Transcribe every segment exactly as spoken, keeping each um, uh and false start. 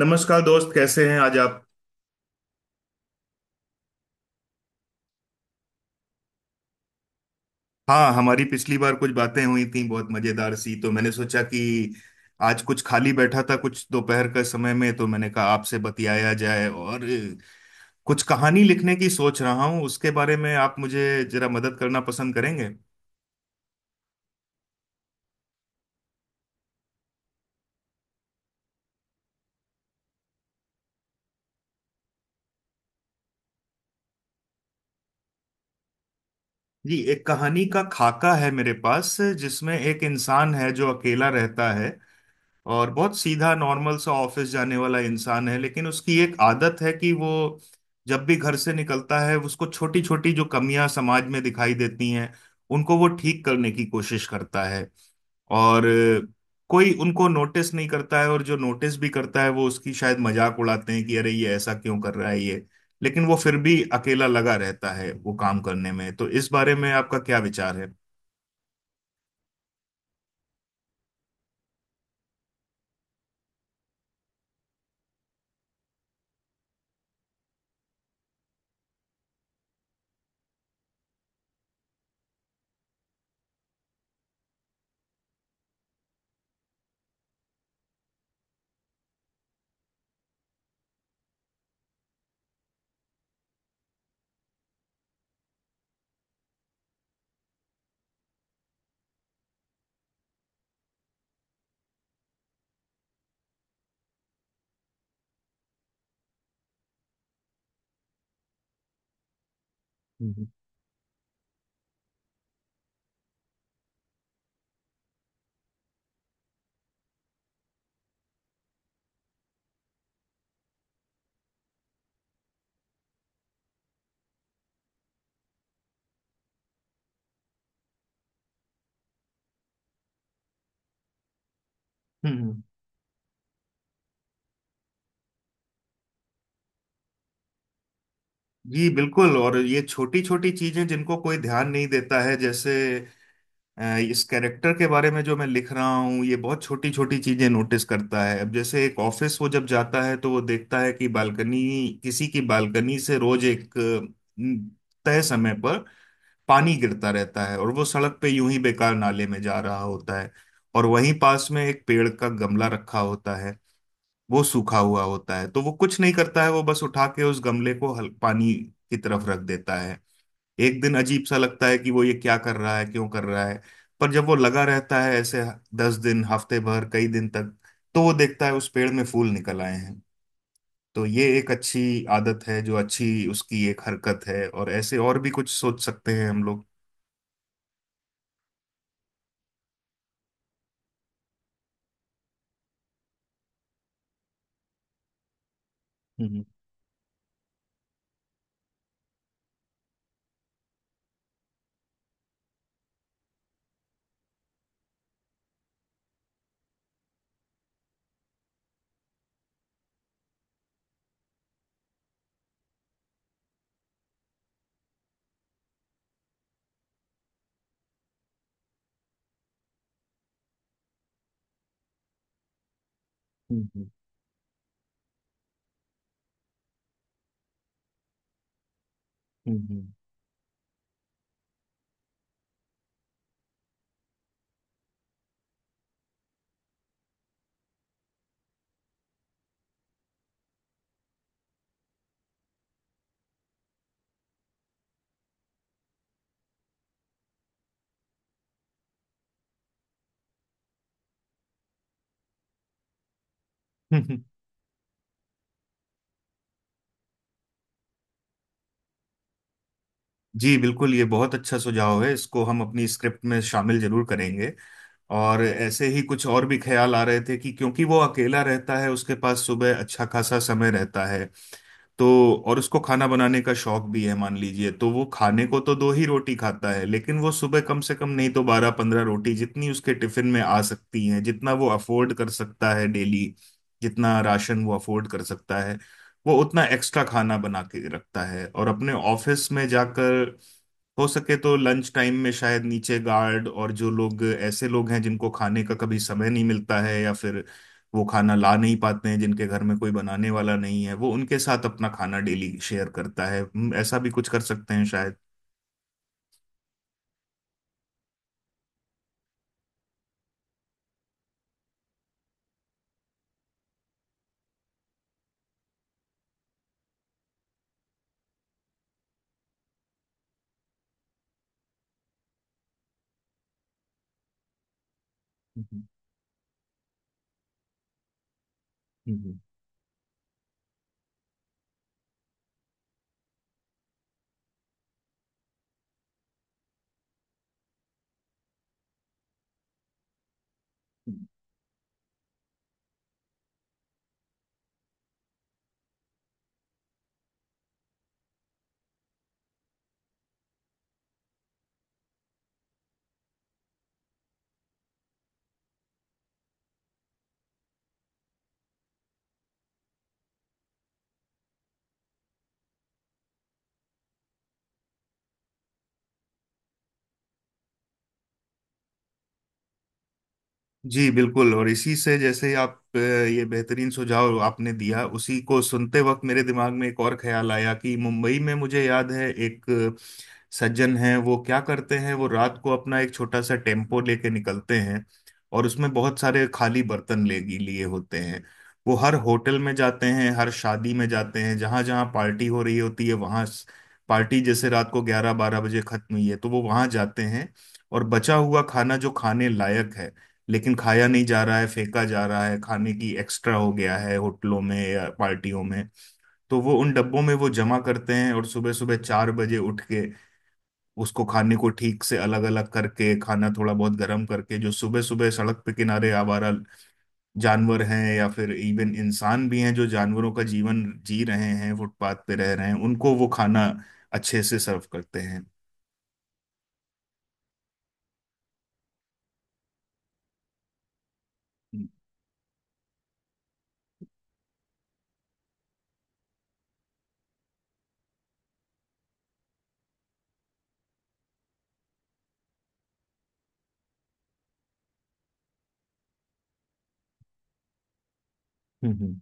नमस्कार दोस्त, कैसे हैं आज आप। हाँ, हमारी पिछली बार कुछ बातें हुई थी बहुत मजेदार सी, तो मैंने सोचा कि आज कुछ खाली बैठा था कुछ दोपहर के समय में, तो मैंने कहा आपसे बतियाया जाए। और अ, कुछ कहानी लिखने की सोच रहा हूँ, उसके बारे में आप मुझे जरा मदद करना पसंद करेंगे। जी, एक कहानी का खाका है मेरे पास जिसमें एक इंसान है जो अकेला रहता है और बहुत सीधा नॉर्मल सा ऑफिस जाने वाला इंसान है। लेकिन उसकी एक आदत है कि वो जब भी घर से निकलता है उसको छोटी छोटी जो कमियां समाज में दिखाई देती हैं उनको वो ठीक करने की कोशिश करता है। और अ, कोई उनको नोटिस नहीं करता है, और जो नोटिस भी करता है वो उसकी शायद मजाक उड़ाते हैं कि अरे ये ऐसा क्यों कर रहा है ये। लेकिन वो फिर भी अकेला लगा रहता है वो काम करने में। तो इस बारे में आपका क्या विचार है। हम्म। हम्म। जी बिल्कुल। और ये छोटी छोटी चीजें जिनको कोई ध्यान नहीं देता है, जैसे अ, इस कैरेक्टर के बारे में जो मैं लिख रहा हूँ, ये बहुत छोटी छोटी चीजें नोटिस करता है। अब जैसे एक ऑफिस वो जब जाता है तो वो देखता है कि बालकनी, किसी की बालकनी से रोज एक अ, तय समय पर पानी गिरता रहता है और वो सड़क पे यूं ही बेकार नाले में जा रहा होता है। और वहीं पास में एक पेड़ का गमला रखा होता है, वो सूखा हुआ होता है। तो वो कुछ नहीं करता है, वो बस उठा के उस गमले को हल पानी की तरफ रख देता है। एक दिन अजीब सा लगता है कि वो ये क्या कर रहा है, क्यों कर रहा है, पर जब वो लगा रहता है ऐसे दस दिन, हफ्ते भर, कई दिन तक, तो वो देखता है उस पेड़ में फूल निकल आए हैं। तो ये एक अच्छी आदत है, जो अच्छी उसकी एक हरकत है, और ऐसे और भी कुछ सोच सकते हैं हम लोग। हम्म। हम्म। हम्म। हम्म, हम्म, जी बिल्कुल, ये बहुत अच्छा सुझाव है, इसको हम अपनी स्क्रिप्ट में शामिल जरूर करेंगे। और ऐसे ही कुछ और भी ख्याल आ रहे थे कि, क्योंकि वो अकेला रहता है उसके पास सुबह अच्छा खासा समय रहता है, तो और उसको खाना बनाने का शौक भी है मान लीजिए, तो वो खाने को तो दो ही रोटी खाता है, लेकिन वो सुबह कम से कम नहीं तो बारह पंद्रह रोटी जितनी उसके टिफिन में आ सकती हैं, जितना वो अफोर्ड कर सकता है डेली, जितना राशन वो अफोर्ड कर सकता है, वो उतना एक्स्ट्रा खाना बना के रखता है। और अपने ऑफिस में जाकर हो सके तो लंच टाइम में शायद नीचे गार्ड और जो लोग, ऐसे लोग हैं जिनको खाने का कभी समय नहीं मिलता है, या फिर वो खाना ला नहीं पाते हैं, जिनके घर में कोई बनाने वाला नहीं है, वो उनके साथ अपना खाना डेली शेयर करता है। हम्म, ऐसा भी कुछ कर सकते हैं शायद। हम्म, हम्म। जी बिल्कुल। और इसी से, जैसे आप अ, ये बेहतरीन सुझाव आपने दिया, उसी को सुनते वक्त मेरे दिमाग में एक और ख्याल आया कि मुंबई में मुझे याद है एक अ, सज्जन हैं, वो क्या करते हैं, वो रात को अपना एक छोटा सा टेम्पो लेके निकलते हैं और उसमें बहुत सारे खाली बर्तन ले लिए होते हैं। वो हर होटल में जाते हैं, हर शादी में जाते हैं, जहां जहां पार्टी हो रही होती है वहां, पार्टी जैसे रात को ग्यारह बारह बजे खत्म हुई है तो वो वहां जाते हैं, और बचा हुआ खाना जो खाने लायक है लेकिन खाया नहीं जा रहा है, फेंका जा रहा है, खाने की एक्स्ट्रा हो गया है होटलों में या पार्टियों में, तो वो उन डब्बों में वो जमा करते हैं। और सुबह सुबह चार बजे उठ के उसको खाने को ठीक से अलग अलग करके, खाना थोड़ा बहुत गर्म करके, जो सुबह सुबह सड़क पे किनारे आवारा जानवर हैं, या फिर इवन इंसान भी हैं जो जानवरों का जीवन जी रहे हैं फुटपाथ पे रह रहे हैं, उनको वो खाना अच्छे से सर्व करते हैं। हम्म। हम्म।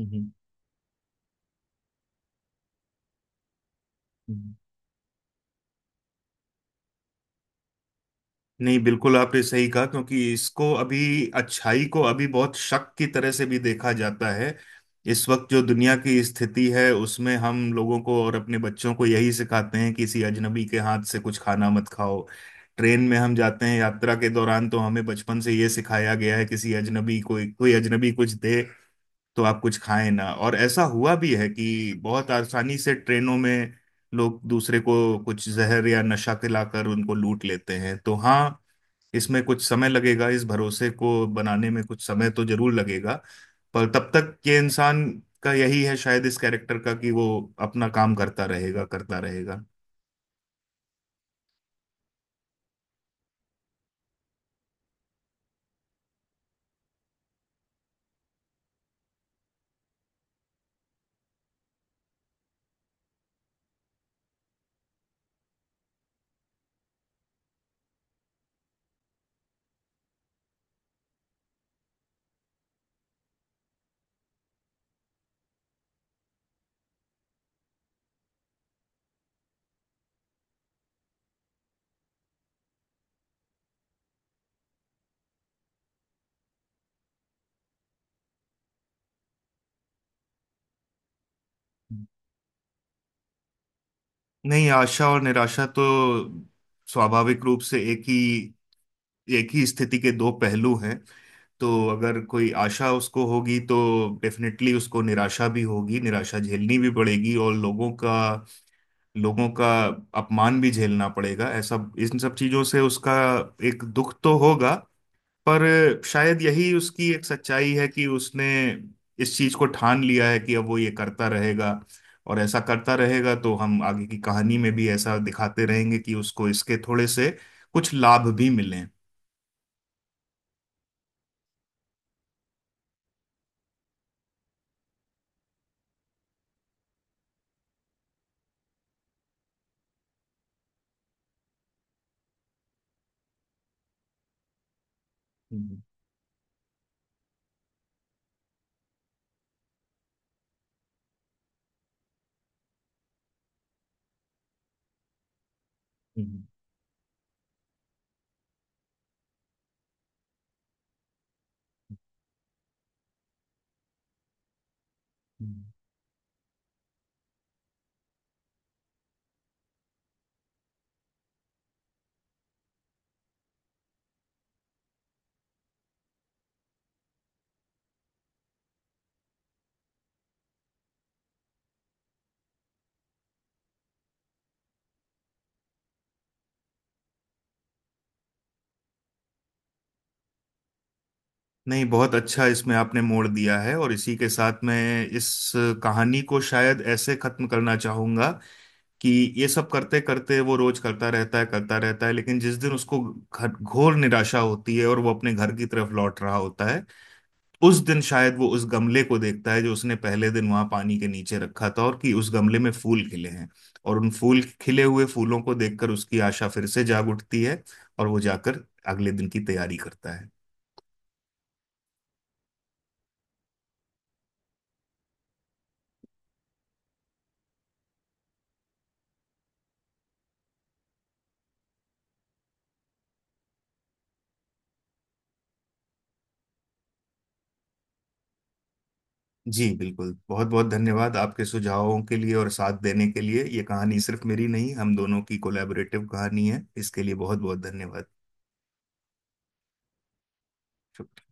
हम्म। हम्म, नहीं, बिल्कुल आपने सही कहा, क्योंकि इसको अभी, अच्छाई को अभी बहुत शक की तरह से भी देखा जाता है। इस वक्त जो दुनिया की स्थिति है उसमें हम लोगों को और अपने बच्चों को यही सिखाते हैं, किसी अजनबी के हाथ से कुछ खाना मत खाओ। ट्रेन में हम जाते हैं यात्रा के दौरान तो हमें बचपन से ये सिखाया गया है, किसी अजनबी को, कोई अजनबी कुछ दे तो आप कुछ खाएं ना। और ऐसा हुआ भी है कि बहुत आसानी से ट्रेनों में लोग दूसरे को कुछ जहर या नशा खिलाकर उनको लूट लेते हैं। तो हाँ, इसमें कुछ समय लगेगा, इस भरोसे को बनाने में कुछ समय तो जरूर लगेगा। पर तब तक ये इंसान का यही है शायद इस कैरेक्टर का कि वो अपना काम करता रहेगा करता रहेगा नहीं, आशा और निराशा तो स्वाभाविक रूप से एक ही एक ही स्थिति के दो पहलू हैं। तो अगर कोई आशा उसको होगी तो डेफिनेटली उसको निराशा भी होगी, निराशा झेलनी भी पड़ेगी, और लोगों का लोगों का अपमान भी झेलना पड़ेगा ऐसा। इन सब चीजों से उसका एक दुख तो होगा, पर शायद यही उसकी एक सच्चाई है कि उसने इस चीज को ठान लिया है कि अब वो ये करता रहेगा और ऐसा करता रहेगा। तो हम आगे की कहानी में भी ऐसा दिखाते रहेंगे कि उसको इसके थोड़े से कुछ लाभ भी मिलें। हम्म, हम्म, हम्म। नहीं, बहुत अच्छा इसमें आपने मोड़ दिया है, और इसी के साथ मैं इस कहानी को शायद ऐसे खत्म करना चाहूंगा कि ये सब करते करते वो रोज करता रहता है, करता रहता है, लेकिन जिस दिन उसको घर, घोर निराशा होती है और वो अपने घर की तरफ लौट रहा होता है, उस दिन शायद वो उस गमले को देखता है जो उसने पहले दिन वहां पानी के नीचे रखा था, और कि उस गमले में फूल खिले हैं, और उन फूल खिले हुए फूलों को देखकर उसकी आशा फिर से जाग उठती है, और वो जाकर अगले दिन की तैयारी करता है। जी बिल्कुल, बहुत बहुत धन्यवाद आपके सुझावों के लिए और साथ देने के लिए। ये कहानी सिर्फ मेरी नहीं, हम दोनों की कोलैबोरेटिव कहानी है, इसके लिए बहुत बहुत धन्यवाद। पड़ जय filtrateध